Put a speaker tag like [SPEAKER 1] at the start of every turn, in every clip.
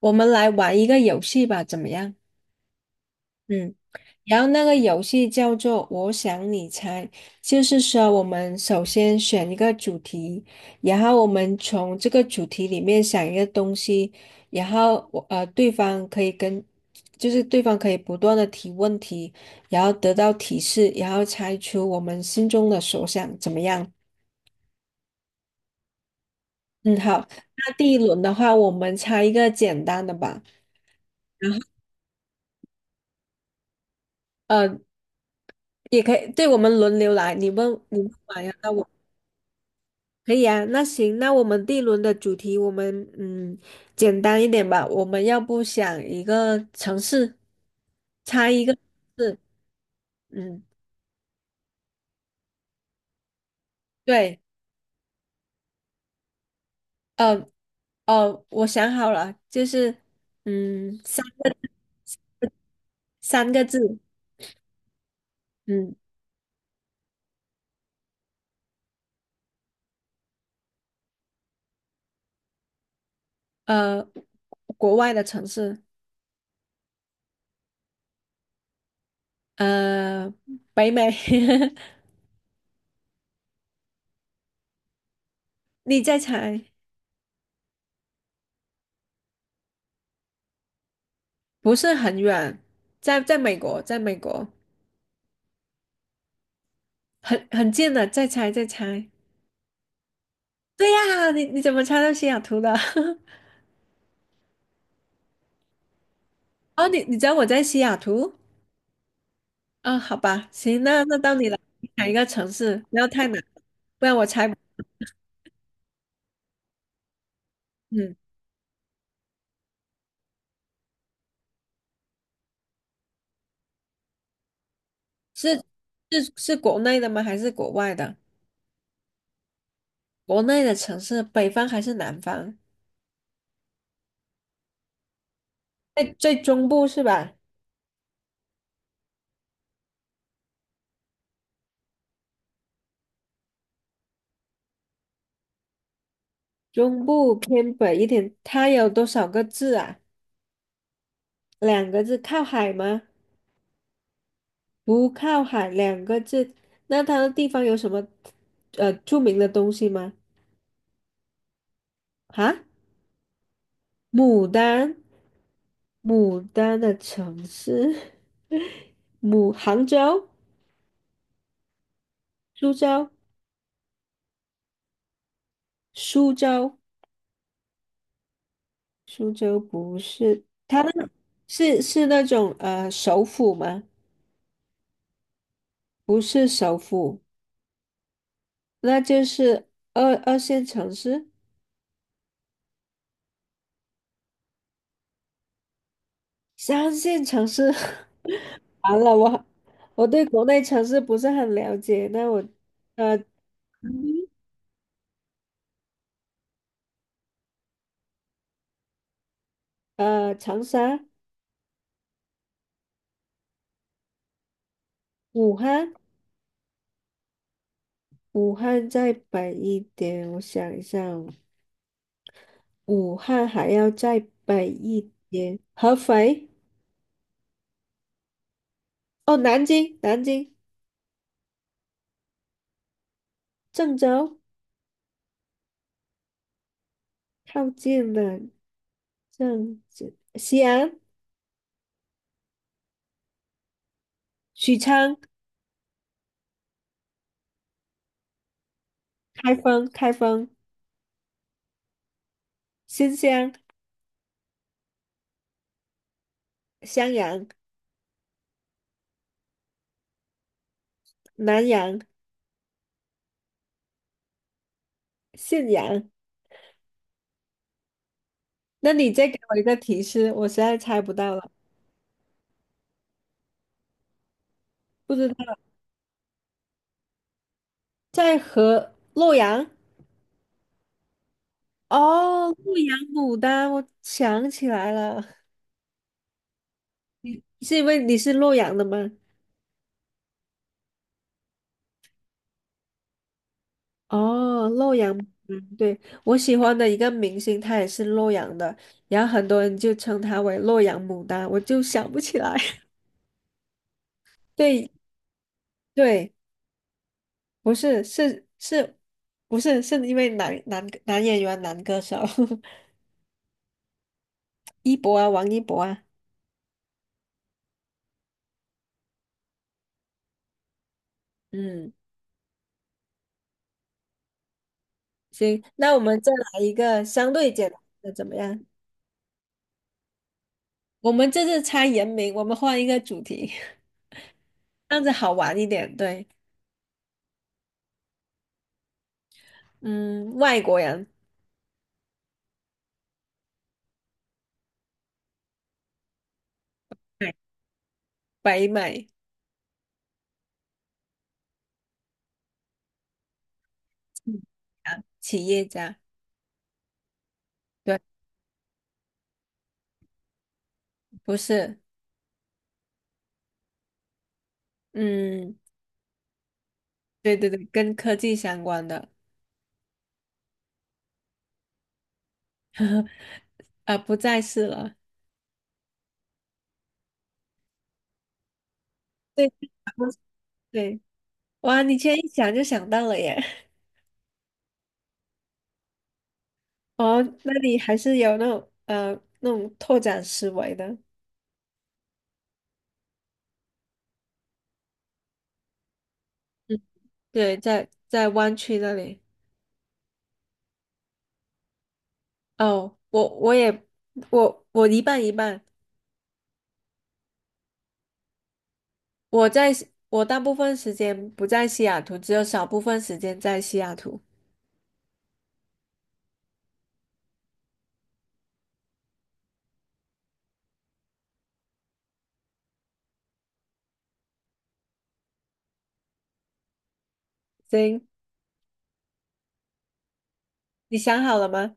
[SPEAKER 1] 我们来玩一个游戏吧，怎么样？嗯，然后那个游戏叫做“我想你猜”，就是说我们首先选一个主题，然后我们从这个主题里面想一个东西，然后我对方可以跟，就是对方可以不断的提问题，然后得到提示，然后猜出我们心中的所想，怎么样？嗯，好，那第一轮的话，我们猜一个简单的吧。然后呃，也可以，对，我们轮流来，你问你问完呀，那我可以啊，那行，那我们第一轮的主题，我们嗯简单一点吧，我们要不想一个城市，猜一个字。嗯，对，呃我想好了，就是嗯三个字，嗯呃，国外的城市，呃，北美，你再猜，不是很远，在美国，在美国。很近的，再猜再猜。对呀，你怎么猜到西雅图的？哦，你知道我在西雅图？嗯，好吧，行，那到你了，你想一个城市，不要太难，不然我猜不嗯，是是国内的吗？还是国外的？国内的城市，北方还是南方？在最中部是吧？中部偏北一点，它有多少个字啊？两个字，靠海吗？不靠海两个字，那它的地方有什么著名的东西吗？啊，牡丹，牡丹的城市，牡杭州、苏州、苏州，苏州不是，是是那种首府吗？不是首府，那就是二线城市、三线城市。完了，我对国内城市不是很了解，那我呃。呃，长沙、武汉，武汉再北一点，我想一下哦武汉还要再北一点，合肥，哦，南京，南京，郑州，靠近了，郑州，西安，许昌，开封，开封，新乡，襄阳，南阳，信阳。那你再给我一个提示，我实在猜不到了，不知道，在河洛阳。哦，洛阳牡丹，我想起来了，是因为你是洛阳的吗？哦，洛阳牡丹对，我喜欢的一个明星，他也是洛阳的，然后很多人就称他为洛阳牡丹，我就想不起来。对对，不是是是，不是是因为男演员男歌手 一博啊，王一博啊，嗯，行，那我们再来一个相对简单的怎么样？我们这次猜人名，我们换一个主题。这样子好玩一点。对，嗯，外国人，对北美嗯啊企业家，对，不是，嗯，对对对，跟科技相关的，啊，不再是了。对，对，哇，你居然一想就想到了耶！哦，那你还是有那种那种拓展思维的。嗯，对，在湾区那里。哦，我我一半一半，我在西我大部分时间不在西雅图，只有少部分时间在西雅图。行，你想好了吗？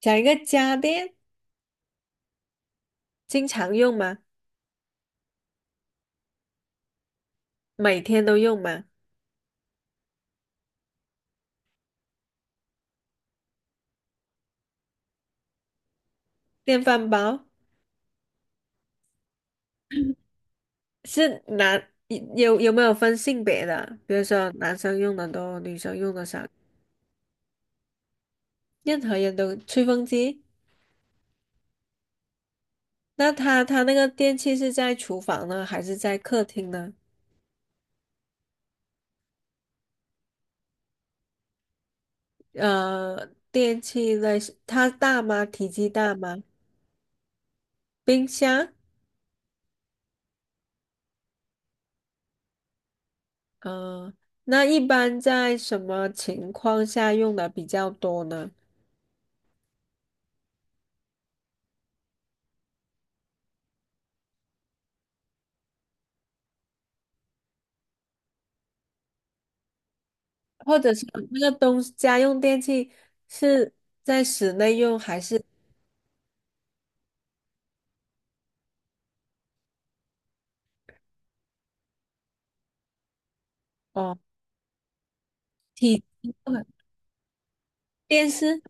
[SPEAKER 1] 讲一个家电，经常用吗？每天都用吗？电饭煲是男，有没有分性别的？比如说男生用的多，女生用的少，任何人都。吹风机，那它那个电器是在厨房呢，还是在客厅呢？呃，电器类似它大吗？体积大吗？冰箱。嗯，那一般在什么情况下用的比较多呢？或者是那个东西家用电器是在室内用还是哦体电视？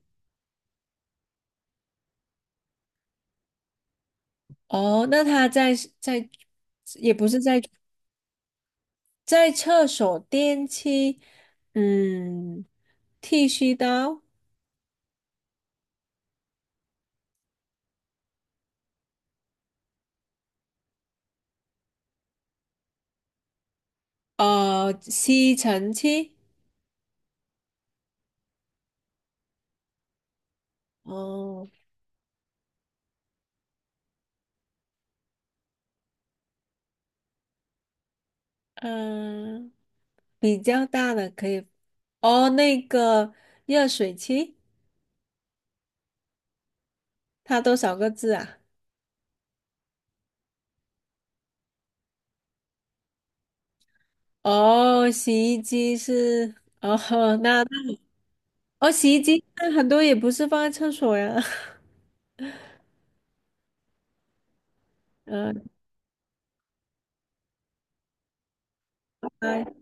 [SPEAKER 1] 哦，那它在在也不是在在厕所电器，嗯，剃须刀，呃，吸尘器，哦，嗯，比较大的可以，哦，那个热水器。它多少个字啊？哦，洗衣机是哦，那那哦，洗衣机那很多也不是放在厕所呀，嗯、它